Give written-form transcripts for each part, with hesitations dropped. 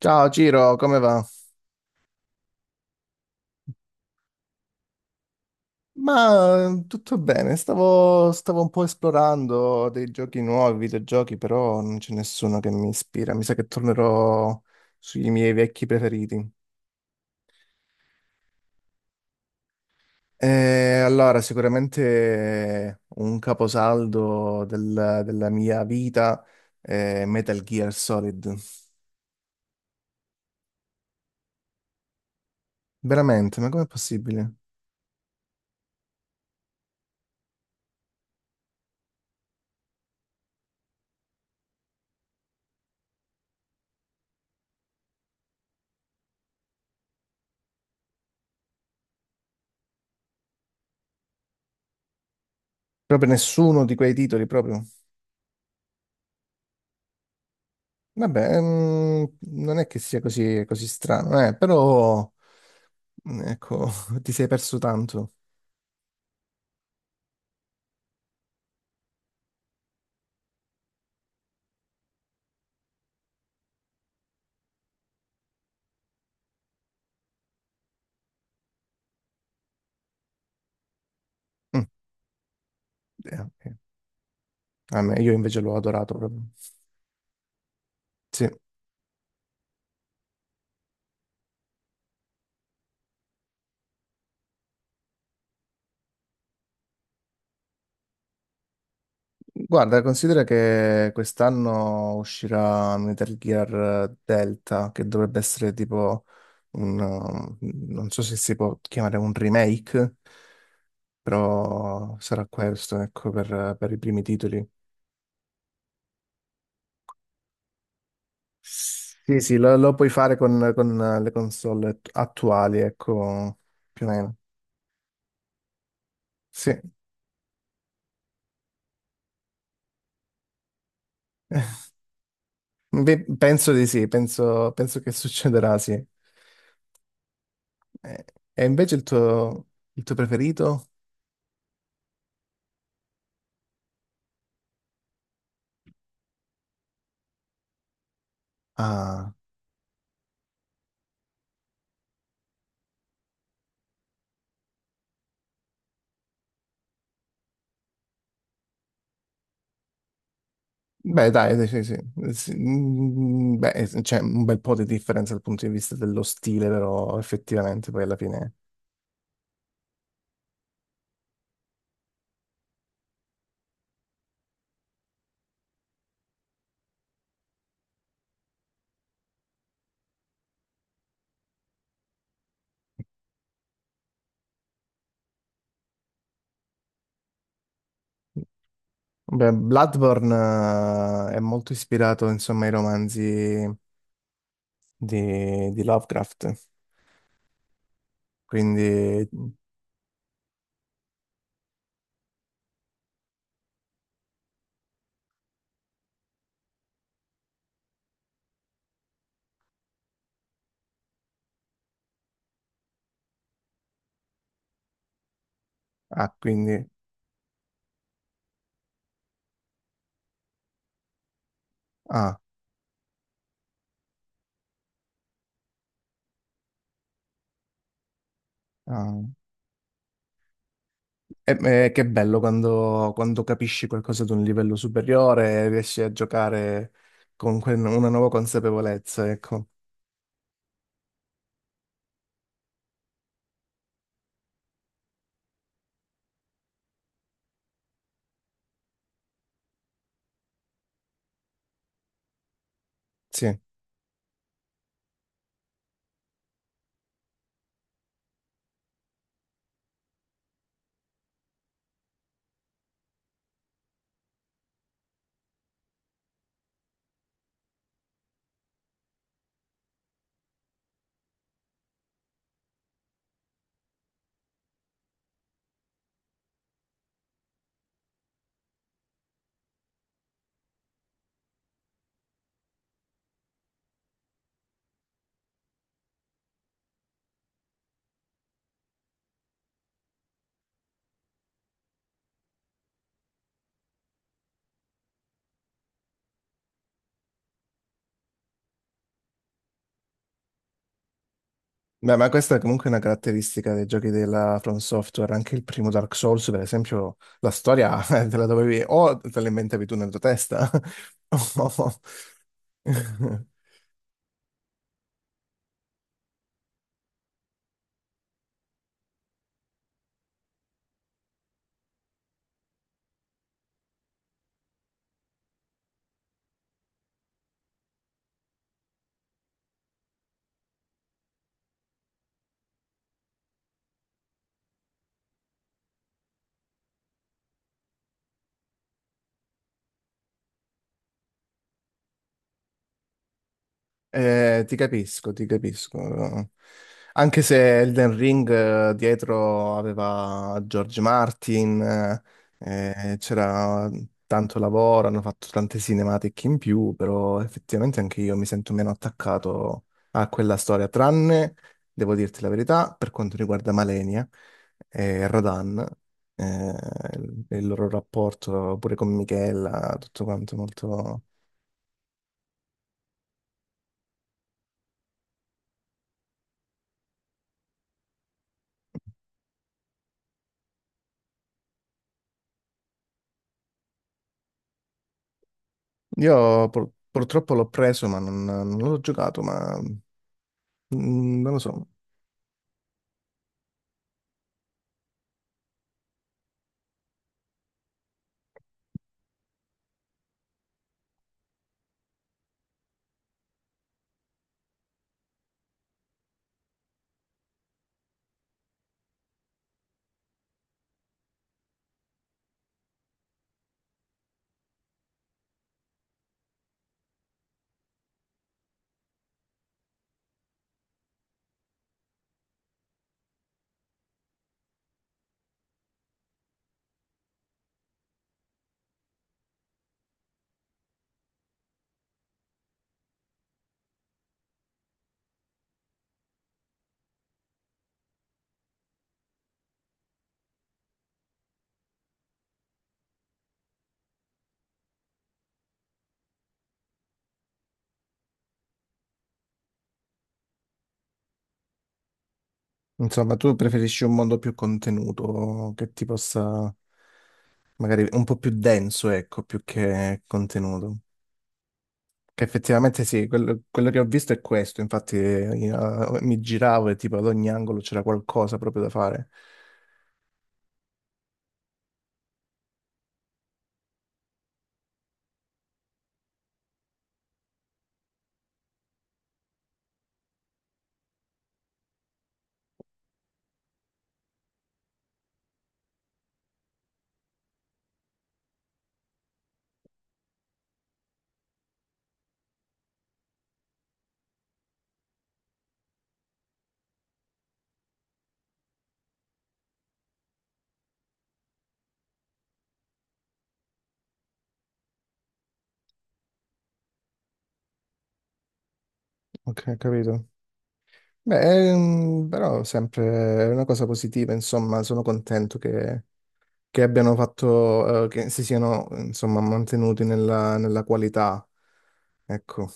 Ciao Ciro, come va? Ma tutto bene, stavo un po' esplorando dei giochi nuovi, videogiochi, però non c'è nessuno che mi ispira. Mi sa che tornerò sui miei vecchi preferiti. E allora, sicuramente un caposaldo della mia vita è Metal Gear Solid. Veramente, ma com'è possibile? Proprio nessuno di quei titoli, proprio. Vabbè, mm, non è che sia così strano, però. Mm, ecco, ti sei perso tanto. Mm, ok. Io invece l'ho adorato proprio. Sì. Guarda, considera che quest'anno uscirà Metal Gear Delta, che dovrebbe essere tipo un... um, non so se si può chiamare un remake, però sarà questo, ecco, per i primi titoli. Sì, sì, lo puoi fare con le console attuali, ecco, più o meno. Sì. Beh, penso di sì, penso che succederà, sì. Eh, e invece il tuo preferito? Ah, beh, dai, sì, sì. Sì, sì, mm, beh, c'è un bel po' di differenza dal punto di vista dello stile, però effettivamente poi alla fine... Beh, Bloodborne è molto ispirato, insomma, ai romanzi di Lovecraft, quindi... quindi... Ah, ah. E- e che bello quando capisci qualcosa ad un livello superiore e riesci a giocare con una nuova consapevolezza, ecco. Sì. Beh, ma questa è comunque una caratteristica dei giochi della From Software. Anche il primo Dark Souls, per esempio, la storia te la dovevi o te la inventavi tu nella tua testa. o- ti capisco, ti capisco. Anche se Elden Ring dietro aveva George Martin, c'era tanto lavoro, hanno fatto tante cinematiche in più, però effettivamente anche io mi sento meno attaccato a quella storia, tranne, devo dirti la verità, per quanto riguarda Malenia e Radan, eh, il loro rapporto pure con Michela, tutto quanto molto... Io purtroppo l'ho preso, ma non l'ho giocato, ma mm, non lo so. Insomma, tu preferisci un mondo più contenuto, magari un po' più denso, ecco, più che contenuto. Che effettivamente sì, quello che ho visto è questo, infatti io, mi giravo e tipo ad ogni angolo c'era qualcosa proprio da fare. Ok, capito. Beh, però sempre è una cosa positiva, insomma, sono contento che abbiano fatto, che si siano, insomma, mantenuti nella qualità, ecco.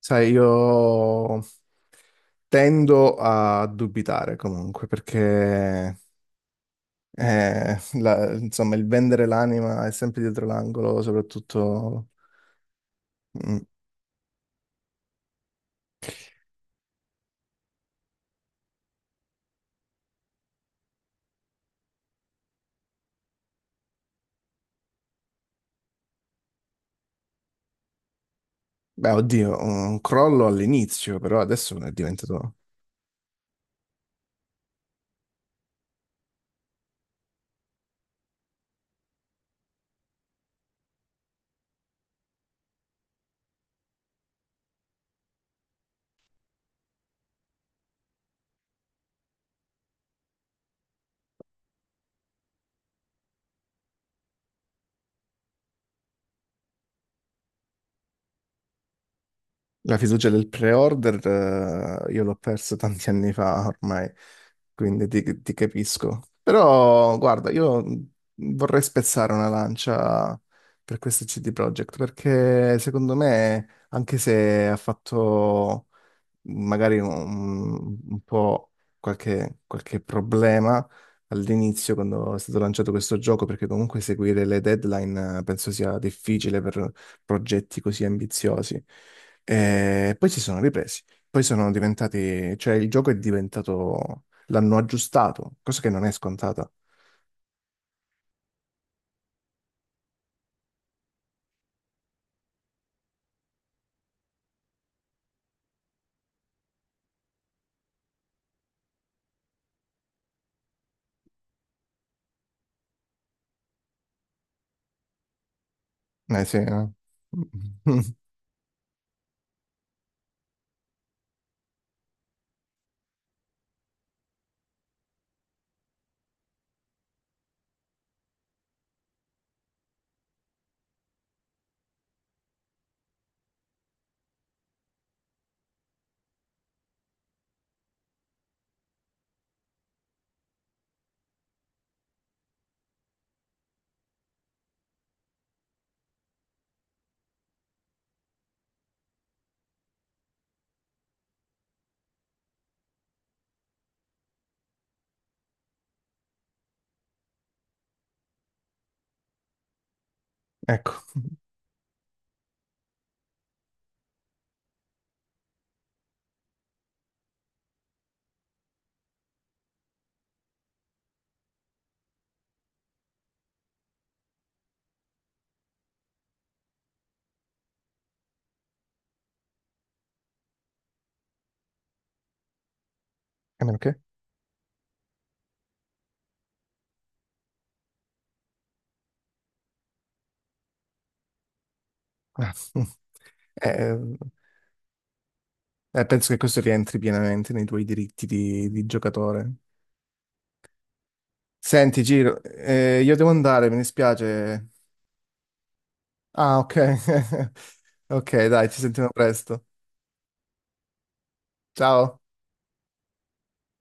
Sai, io tendo a dubitare comunque perché insomma il vendere l'anima è sempre dietro l'angolo, soprattutto, mm, beh, oddio, un crollo all'inizio, però adesso è diventato. La fiducia del pre-order, io l'ho persa tanti anni fa ormai, quindi ti capisco. Però, guarda, io vorrei spezzare una lancia per questo CD Projekt, perché secondo me, anche se ha fatto magari un po' qualche problema all'inizio quando è stato lanciato questo gioco, perché comunque seguire le deadline penso sia difficile per progetti così ambiziosi. E poi si sono ripresi, poi sono diventati, cioè il gioco è diventato, l'hanno aggiustato, cosa che non è scontata. Eh sì, eh. Ecco, a meno che... Ah. Eh, penso che questo rientri pienamente nei tuoi diritti di giocatore. Senti, Giro, io devo andare, mi dispiace. Ah, ok. Ok, dai, ci sentiamo presto. Ciao.